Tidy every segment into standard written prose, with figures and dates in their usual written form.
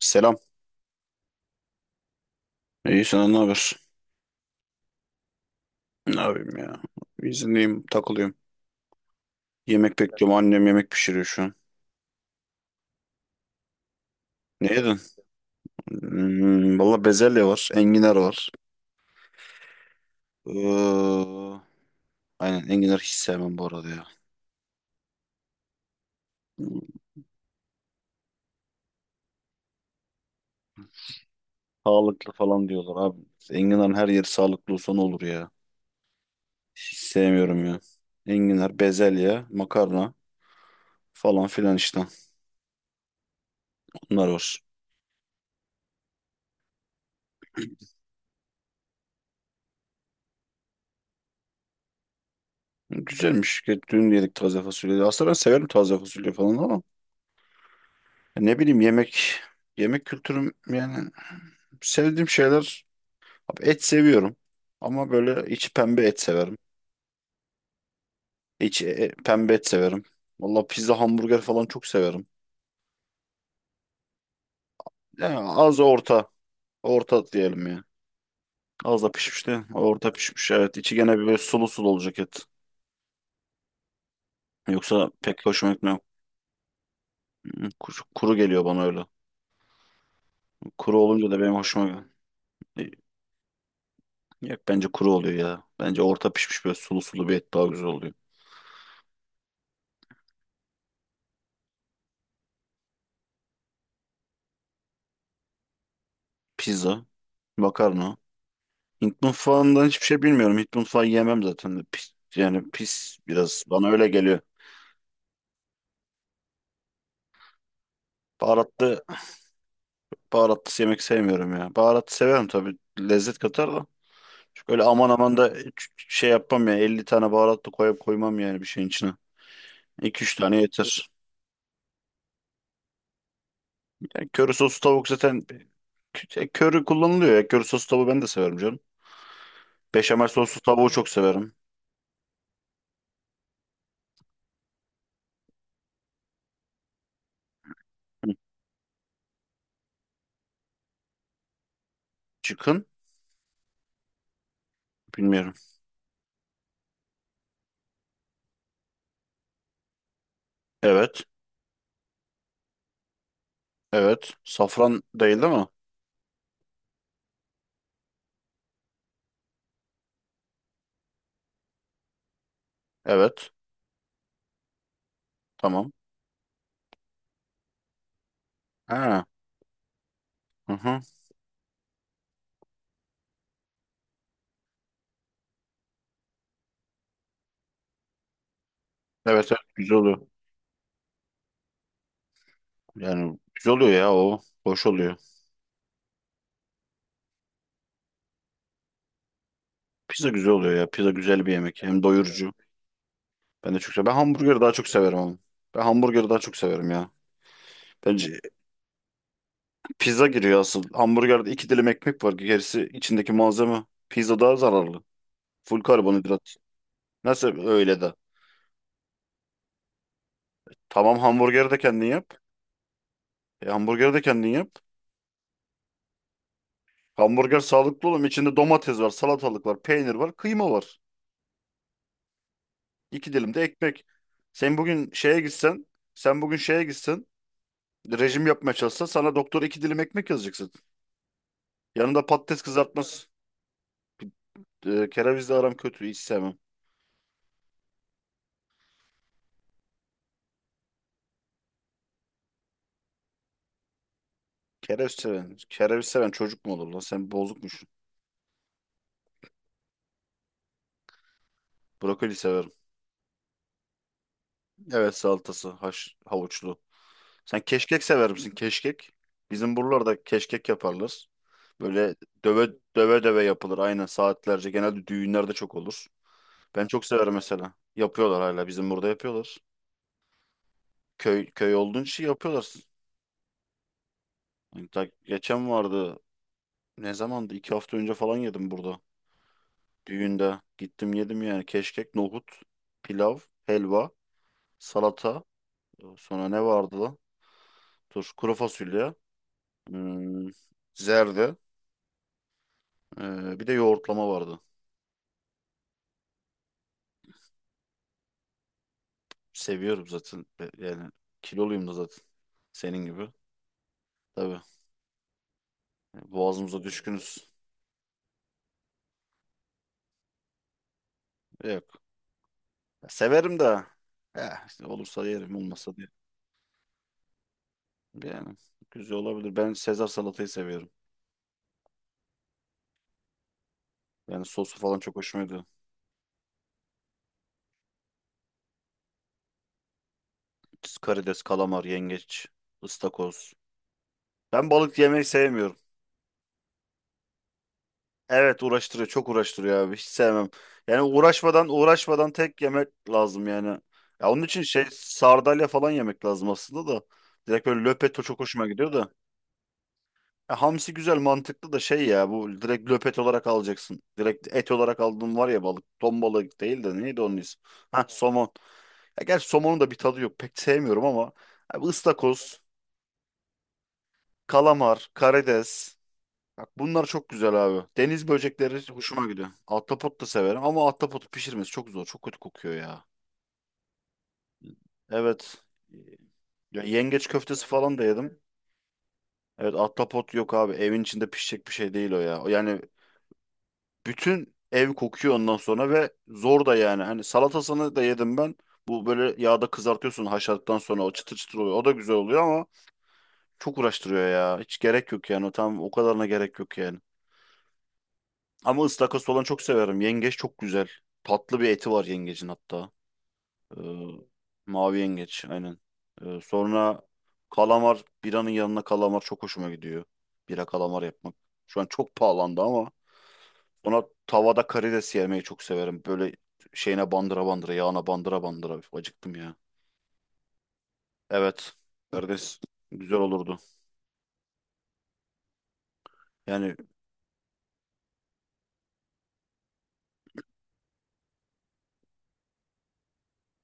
Selam. İyi, sana ne haber? Ne yapayım ya? İzindeyim, takılıyorum. Yemek bekliyorum. Annem yemek pişiriyor şu an. Ne yedin? Hmm, valla bezelye var. Enginar var. Ee, aynen enginar hiç sevmem bu arada ya. Hmm. Sağlıklı falan diyorlar abi. Enginarın her yeri sağlıklı olsa ne olur ya. Hiç sevmiyorum ya. Enginar, bezelye, makarna falan filan işte. Bunlar var. Güzelmiş. Dün yedik taze fasulyeyi. Aslında ben severim taze fasulye falan ama ne bileyim, yemek kültürüm, yani sevdiğim şeyler... Abi et seviyorum, ama böyle içi pembe et severim. İçi pembe et severim. Valla pizza, hamburger falan çok severim. Yani az orta, orta diyelim ya. Az da pişmiş de, orta pişmiş, evet. İçi gene bir böyle sulu sulu olacak et. Yoksa pek hoşuma gitmiyor. Hmm. Kuru geliyor bana öyle. Kuru olunca da benim hoşuma gidiyor. Yok, bence kuru oluyor ya. Bence orta pişmiş, böyle sulu sulu bir et daha güzel oluyor. Pizza, makarna. Hint mutfağından hiçbir şey bilmiyorum. Hint mutfağı yemem zaten. Pis, yani pis biraz. Bana öyle geliyor. Baharatlı, baharatlı yemek sevmiyorum ya. Baharatlı severim tabii. Lezzet katar da. Çok öyle aman aman da şey yapmam ya. 50 tane baharatlı koyup koymam yani bir şeyin içine. 2 üç tane yeter. Yani köri soslu tavuk zaten köri kullanılıyor ya. Köri soslu tavuğu ben de severim canım. Beşamel soslu tavuğu çok severim. Hı. Çıkın. Bilmiyorum. Evet. Evet. Safran değil, değil mi? Evet. Tamam. Ha. Hı hı. Evet, evet, güzel oluyor. Yani güzel oluyor ya o. Hoş oluyor. Pizza güzel oluyor ya. Pizza güzel bir yemek. Hem doyurucu. Ben de çok sev... Ben hamburgeri daha çok severim ama. Ben hamburgeri daha çok severim ya. Bence pizza giriyor asıl. Hamburgerde iki dilim ekmek var. Gerisi içindeki malzeme. Pizza daha zararlı. Full karbonhidrat. Nasıl öyle de? Tamam, hamburgeri de kendin yap. Hamburgeri de kendin yap. Hamburger sağlıklı oğlum. İçinde domates var, salatalık var, peynir var, kıyma var. İki dilim de ekmek. Sen bugün şeye gitsen, sen bugün şeye gitsen, rejim yapmaya çalışsa, sana doktor iki dilim ekmek yazacaksın. Yanında patates kızartması. Kerevizle aram kötü. Hiç sevmem. Kereviz seven... Kereviz seven çocuk mu olur lan? Sen bozukmuşsun. Brokoli severim. Evet, salatası. Haş, havuçlu. Sen keşkek sever misin? Keşkek. Bizim buralarda keşkek yaparlar. Böyle döve döve döve yapılır. Aynen, saatlerce. Genelde düğünlerde çok olur. Ben çok severim mesela. Yapıyorlar hala. Bizim burada yapıyorlar. Köy köy olduğun için yapıyorlar. Yani geçen vardı. Ne zamandı? İki hafta önce falan yedim burada. Düğünde. Gittim, yedim yani. Keşkek, nohut, pilav, helva, salata. Sonra ne vardı lan? Dur. Kuru fasulye, hmm, zerde. Bir de yoğurtlama vardı. Seviyorum zaten. Yani kiloluyum da zaten. Senin gibi. Tabii. Yani boğazımıza düşkünüz. Yok. Ya, severim de. Eh, işte olursa yerim. Olmazsa diye. Yani güzel olabilir. Ben Sezar salatayı seviyorum. Yani sosu falan çok hoşuma gidiyor. Karides, kalamar, yengeç, ıstakoz. Ben balık yemeyi sevmiyorum. Evet, uğraştırıyor, çok uğraştırıyor abi. Hiç sevmem. Yani uğraşmadan tek yemek lazım yani. Ya onun için şey, sardalya falan yemek lazım aslında da. Direkt böyle löpeto çok hoşuma gidiyor da. Ya hamsi güzel, mantıklı da şey ya, bu direkt löpet olarak alacaksın. Direkt et olarak aldığın var ya, balık. Ton balığı değil de neydi onun ismi? Ha, somon. Ya gerçi somonun da bir tadı yok. Pek sevmiyorum ama. Abi ıstakoz, kalamar, karides. Bak, bunlar çok güzel abi. Deniz böcekleri hoşuma gidiyor. Ahtapot da severim ama ahtapotu pişirmesi çok zor. Çok kötü kokuyor ya. Evet. Ya yengeç köftesi falan da yedim. Evet, ahtapot yok abi. Evin içinde pişecek bir şey değil o ya. Yani bütün ev kokuyor ondan sonra, ve zor da yani. Hani salatasını da yedim ben. Bu böyle yağda kızartıyorsun haşladıktan sonra, o çıtır çıtır oluyor. O da güzel oluyor ama çok uğraştırıyor ya. Hiç gerek yok yani. O tam, o kadarına gerek yok yani. Ama ıstakoz falan çok severim. Yengeç çok güzel. Tatlı bir eti var yengecin hatta. Ee, mavi yengeç aynen. Sonra kalamar. Biranın yanına kalamar çok hoşuma gidiyor. Bira, kalamar yapmak. Şu an çok pahalandı ama, ona tavada karides yemeyi çok severim. Böyle şeyine bandıra bandıra, yağına bandıra bandıra. Üf, acıktım ya. Evet. Karides güzel olurdu. Yani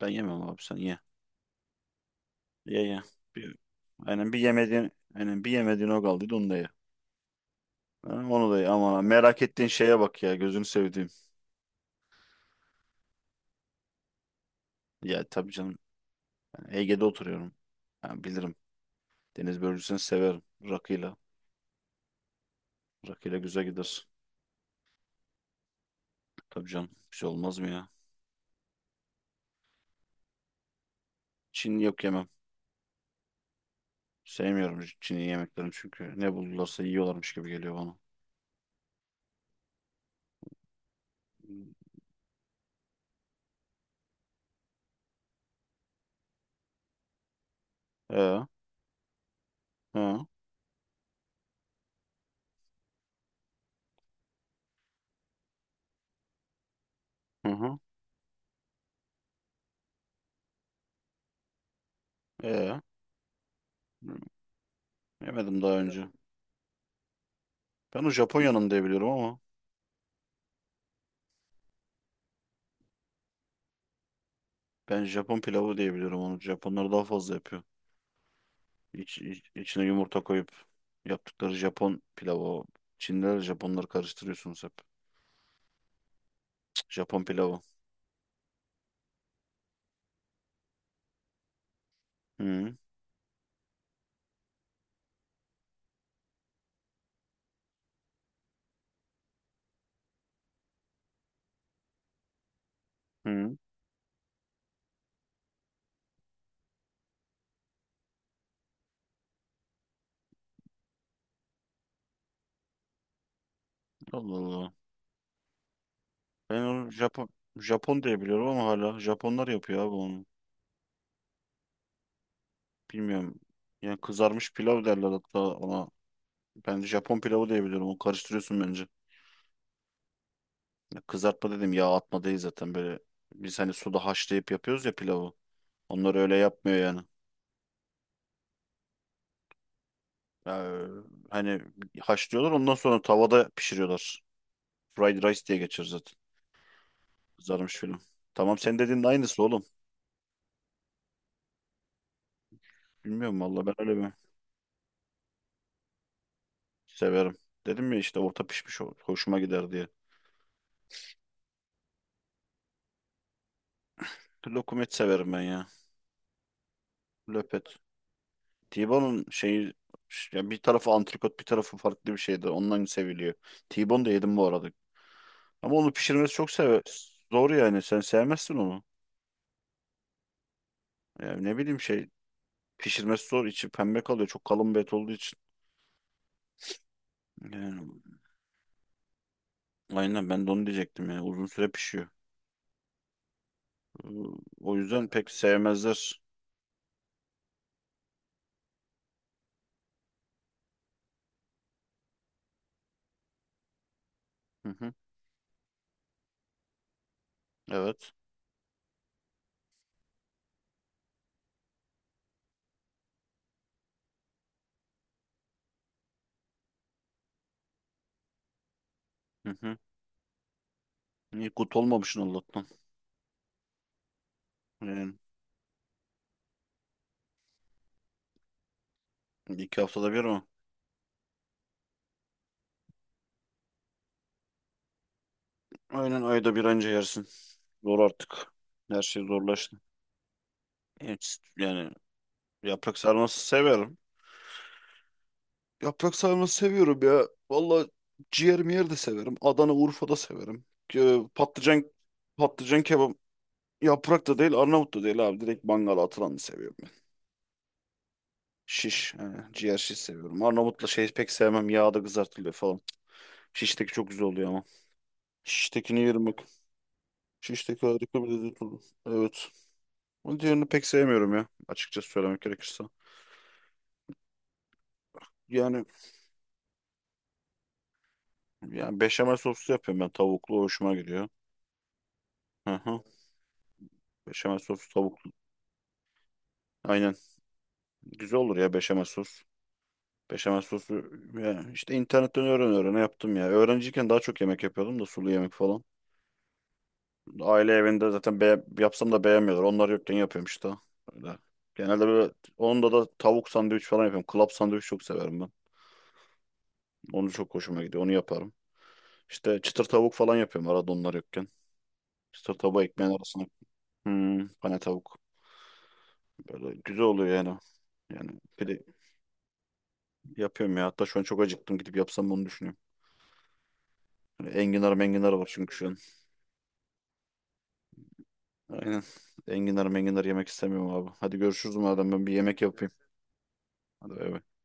ben yemem abi, sen ye. Ye ye. Bir, aynen bir yemediğin, aynen bir yemediğin o kaldıydı, onu da ye. Ha, onu da, aman ha, merak ettiğin şeye bak ya, gözünü sevdiğim. Ya tabii canım, ben Ege'de oturuyorum. Yani bilirim. Deniz börülcüsünü severim. Rakıyla. Rakıyla güzel gider. Tabii canım, bir şey olmaz mı ya? Çin, yok, yemem. Sevmiyorum Çin'i yemeklerini çünkü. Ne buldularsa yiyorlarmış gibi geliyor bana. Ee, ha, hı hı, ee. Yemedim daha önce. Ben o Japonya'nın diye biliyorum ama, ben Japon pilavı diye biliyorum onu. Japonlar daha fazla yapıyor. İçine yumurta koyup yaptıkları Japon pilavı o. Çinliler, Japonları karıştırıyorsunuz hep. Japon pilavı. Hı hı. Allah Allah. Ben onu Japon diye biliyorum ama hala Japonlar yapıyor abi onu. Bilmiyorum. Yani kızarmış pilav derler hatta ona. Ben Japon pilavı diye biliyorum. Onu karıştırıyorsun bence. Ya kızartma dedim, yağ atma değil zaten böyle. Biz hani suda haşlayıp yapıyoruz ya pilavı. Onlar öyle yapmıyor yani. Ee, hani haşlıyorlar, ondan sonra tavada pişiriyorlar. Fried Rice diye geçer zaten. Kızarmış film. Tamam, sen dediğin de aynısı oğlum. Bilmiyorum valla, ben öyle bir... Severim. Dedim ya işte, orta pişmiş o- hoşuma gider diye. Lokum et severim ben ya. Löpet. T-Bone'un şeyi, ya bir tarafı antrikot bir tarafı farklı bir şeydi. Ondan seviliyor. T-Bone da yedim bu arada. Ama onu pişirmesi çok zor yani. Sen sevmezsin onu. Yani ne bileyim şey, pişirmesi zor. İçi pembe kalıyor. Çok kalın bir et olduğu için. Yani, aynen, ben de onu diyecektim ya. Uzun süre pişiyor. Ee, O yüzden pek sevmezler. Hı hı. Evet. Hı hı. İyi kut olmamışsın Allah'tan. Yani iki haftada bir ama. Aynen, ayda bir anca yersin. Zor artık. Her şey zorlaştı. Evet, yani yaprak sarması severim. Yaprak sarması seviyorum ya. Valla ciğer miyer de severim. Adana, Urfa da severim. Patlıcan patlıcan kebap... Yaprak da değil, Arnavut da değil abi. Direkt mangala atılanı seviyorum ben. Şiş. Yani ciğer şiş seviyorum. Arnavutla şey pek sevmem. Yağda kızartılıyor falan. Şişteki çok güzel oluyor ama. Şiştekini yerim bak. Şişteki harika bir dizi tutuldu. Evet. Onun diğerini pek sevmiyorum ya. Açıkçası söylemek gerekirse. Yani, beşamel soslu yapıyorum ben. Tavuklu hoşuma gidiyor. Hı hı. Beşamel soslu tavuklu. Aynen. Güzel olur ya beşamel sos. Beşamel sosu, ya işte internetten öğrene yaptım ya. Öğrenciyken daha çok yemek yapıyordum da, sulu yemek falan. Aile evinde zaten be yapsam da beğenmiyorlar. Onlar yokken yapıyorum işte. Öyle. Genelde böyle, onda da tavuk sandviç falan yapıyorum. Klap sandviç çok severim ben. Onu çok hoşuma gidiyor. Onu yaparım. İşte çıtır tavuk falan yapıyorum arada, onlar yokken. Çıtır tavuğu ekmeğin arasına. Hmm, pane tavuk. Böyle güzel oluyor yani. Yani bir de yapıyorum ya. Hatta şu an çok acıktım. Gidip yapsam bunu, düşünüyorum. Hani enginar menginar var çünkü şu an. Aynen. Enginar menginar yemek istemiyorum abi. Hadi görüşürüz madem, ben bir yemek yapayım. Hadi, bay bay.